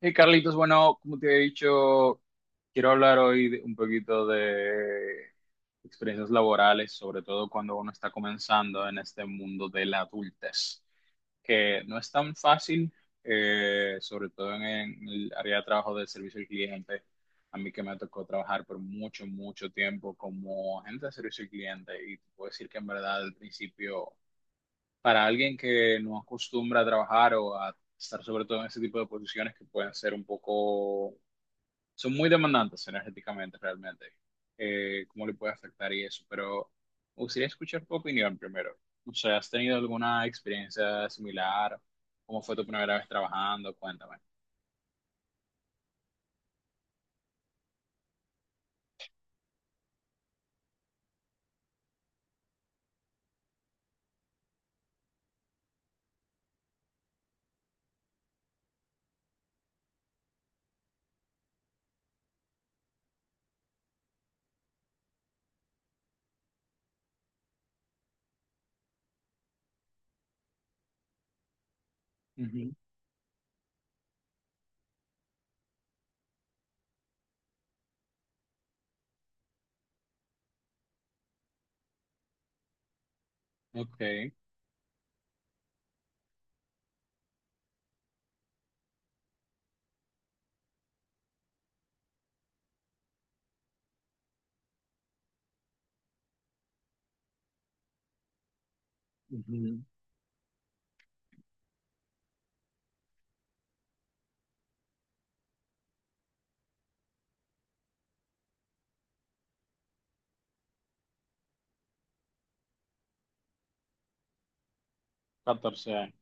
Hey Carlitos, bueno, como te he dicho, quiero hablar hoy un poquito de experiencias laborales, sobre todo cuando uno está comenzando en este mundo de la adultez, que no es tan fácil, sobre todo en el área de trabajo de servicio al cliente. A mí que me tocó trabajar por mucho, mucho tiempo como agente de servicio al cliente y te puedo decir que en verdad al principio para alguien que no acostumbra a trabajar o a estar sobre todo en ese tipo de posiciones que pueden ser un poco, son muy demandantes energéticamente realmente, cómo le puede afectar y eso, pero me gustaría escuchar tu opinión primero. O sea, ¿has tenido alguna experiencia similar? ¿Cómo fue tu primera vez trabajando? Cuéntame. Ujú. Ok. Ujú. 14 años.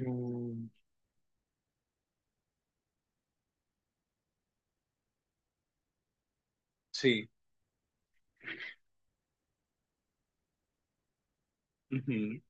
Mm. Sí. Ujú.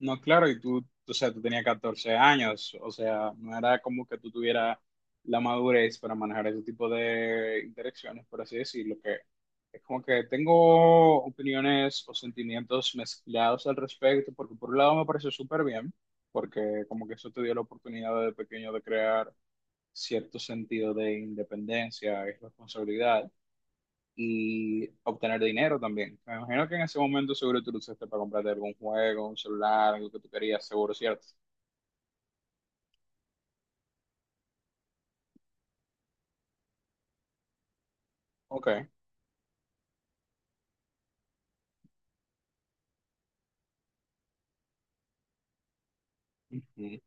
No, claro, y tú, o sea, tú tenías 14 años, o sea, no era como que tú tuvieras la madurez para manejar ese tipo de interacciones, por así decirlo, que es como que tengo opiniones o sentimientos mezclados al respecto, porque por un lado me parece súper bien, porque como que eso te dio la oportunidad de pequeño de crear cierto sentido de independencia y responsabilidad, y obtener dinero también. Me imagino que en ese momento seguro tú lo usaste para comprarte algún juego, un celular, algo que tú querías, seguro, ¿cierto? Ok. Ujú.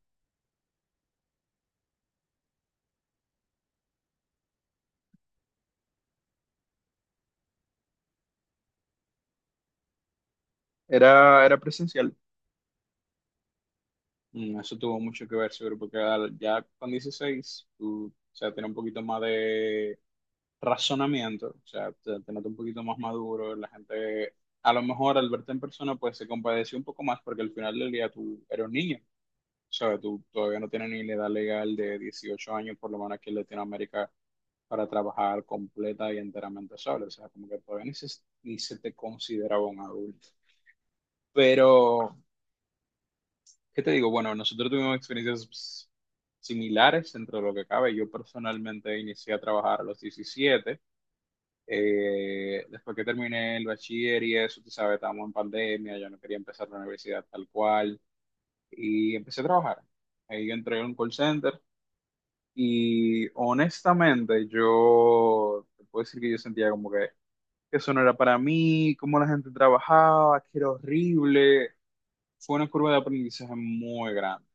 Era presencial. Mm. Eso tuvo mucho que ver, seguro, porque ya con 16 tú, o sea, tienes un poquito más de razonamiento, o sea, te notas un poquito más maduro, la gente, a lo mejor al verte en persona, pues se compadeció un poco más, porque al final del día tú eres un niño, o sea, tú todavía no tienes ni la edad legal de 18 años, por lo menos aquí en Latinoamérica para trabajar completa y enteramente solo. O sea, como que todavía ni se te consideraba un adulto. Pero, ¿qué te digo? Bueno, nosotros tuvimos experiencias pues, similares dentro de lo que cabe. Yo personalmente inicié a trabajar a los 17. Después que terminé el bachiller y eso, tú sabes, estábamos en pandemia, yo no quería empezar la universidad tal cual. Y empecé a trabajar. Ahí entré en un call center. Y honestamente, yo te puedo decir que yo sentía como que eso no era para mí, cómo la gente trabajaba, que era horrible. Fue una curva de aprendizaje muy grande,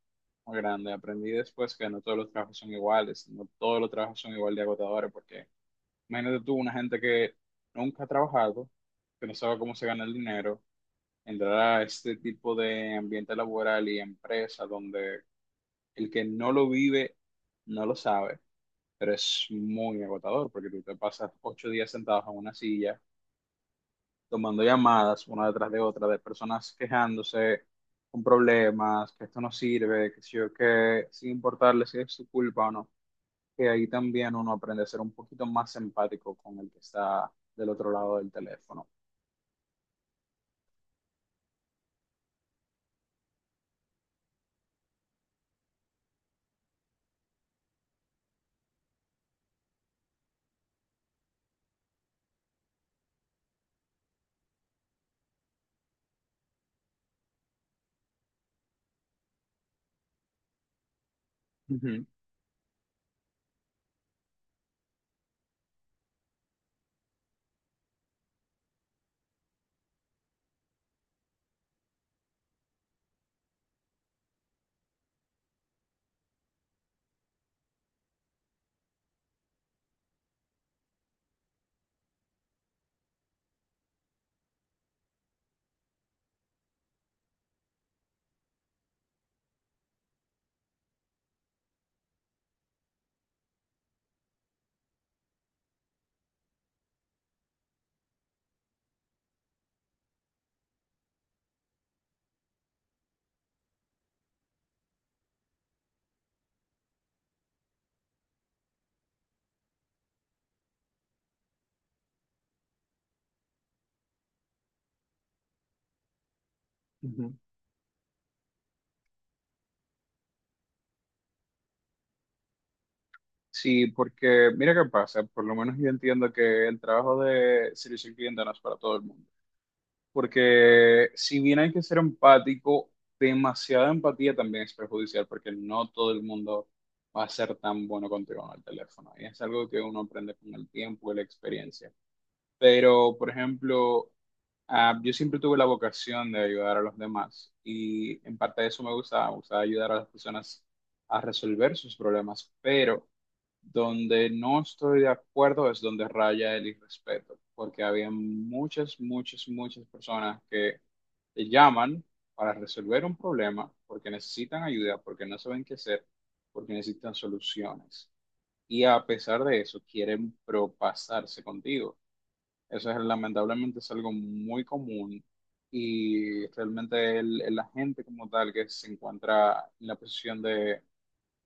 muy grande. Aprendí después que no todos los trabajos son iguales, no todos los trabajos son igual de agotadores, porque imagínate tú, una gente que nunca ha trabajado, que no sabe cómo se gana el dinero, entrar a este tipo de ambiente laboral y empresa donde el que no lo vive no lo sabe, pero es muy agotador, porque tú te pasas 8 días sentados en una silla tomando llamadas una detrás de otra de personas quejándose con problemas, que esto no sirve, que si yo que sin importarle si es su culpa o no, que ahí también uno aprende a ser un poquito más empático con el que está del otro lado del teléfono. Ujú. Ujú. Sí, porque mira qué pasa, por lo menos yo entiendo que el trabajo de servicio al cliente no es para todo el mundo. Porque si bien hay que ser empático, demasiada empatía también es perjudicial, porque no todo el mundo va a ser tan bueno contigo en el teléfono. Y es algo que uno aprende con el tiempo y la experiencia. Pero, por ejemplo, ah, yo siempre tuve la vocación de ayudar a los demás y en parte de eso me gustaba ayudar a las personas a resolver sus problemas, pero donde no estoy de acuerdo es donde raya el irrespeto, porque había muchas, muchas, muchas personas que te llaman para resolver un problema porque necesitan ayuda, porque no saben qué hacer, porque necesitan soluciones. Y a pesar de eso, quieren propasarse contigo. Eso es, lamentablemente es algo muy común y realmente el agente como tal que se encuentra en la posición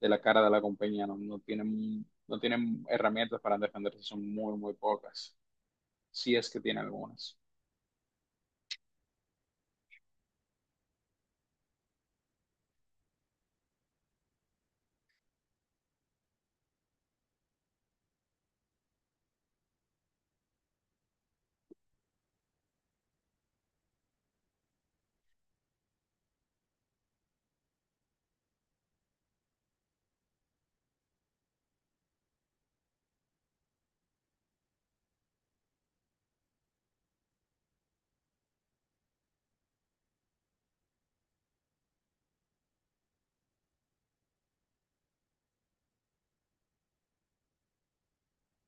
de la cara de la compañía no tienen, no tienen herramientas para defenderse, son muy, muy pocas, si es que tiene algunas.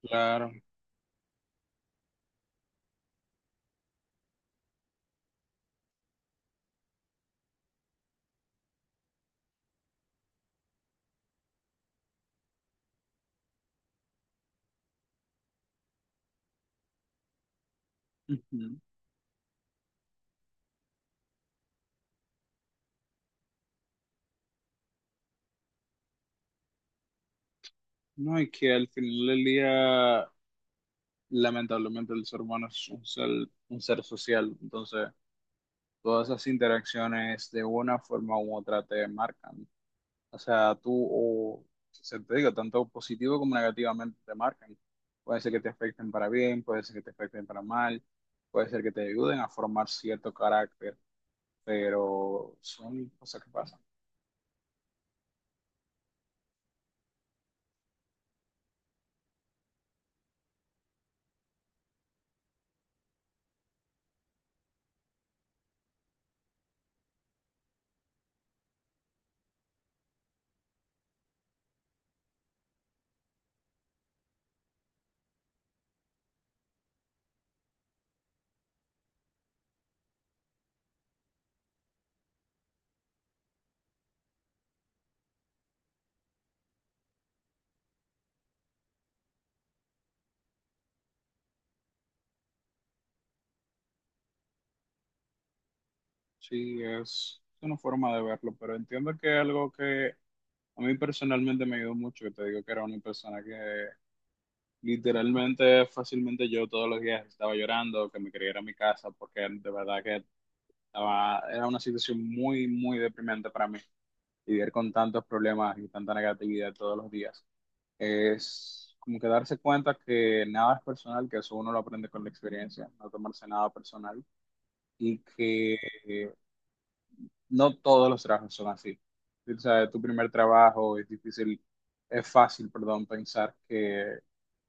Claro. Ujú. No, y que al final del día, lamentablemente, el ser humano es un ser social. Entonces, todas esas interacciones de una forma u otra te marcan. O sea, tú, o se te digo, tanto positivo como negativamente te marcan. Puede ser que te afecten para bien, puede ser que te afecten para mal, puede ser que te ayuden a formar cierto carácter, pero son cosas que pasan. Sí, es una forma de verlo, pero entiendo que algo que a mí personalmente me ayudó mucho, que te digo que era una persona que literalmente, fácilmente yo todos los días estaba llorando, que me quería ir a mi casa, porque de verdad que estaba, era una situación muy, muy deprimente para mí vivir con tantos problemas y tanta negatividad todos los días. Es como que darse cuenta que nada es personal, que eso uno lo aprende con la experiencia, no tomarse nada personal y que eh, no todos los trabajos son así. O sea, tu primer trabajo es difícil, es fácil, perdón, pensar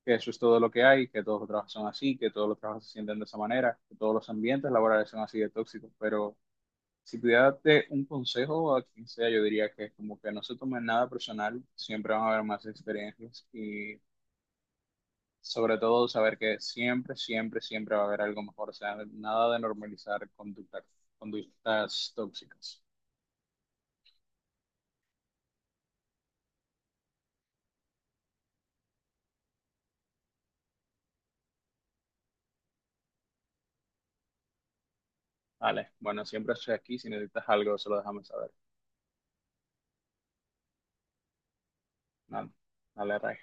que eso es todo lo que hay, que todos los trabajos son así, que todos los trabajos se sienten de esa manera, que todos los ambientes laborales son así de tóxicos, pero si pudiera darte un consejo a quien sea, yo diría que es como que no se tomen nada personal, siempre van a haber más experiencias y sobre todo saber que siempre, siempre, siempre va a haber algo mejor, o sea, nada de normalizar conductas, conductas tóxicas. Vale, bueno, siempre estoy aquí, si necesitas algo, se lo dejamos saber. Nada, dale, Ray.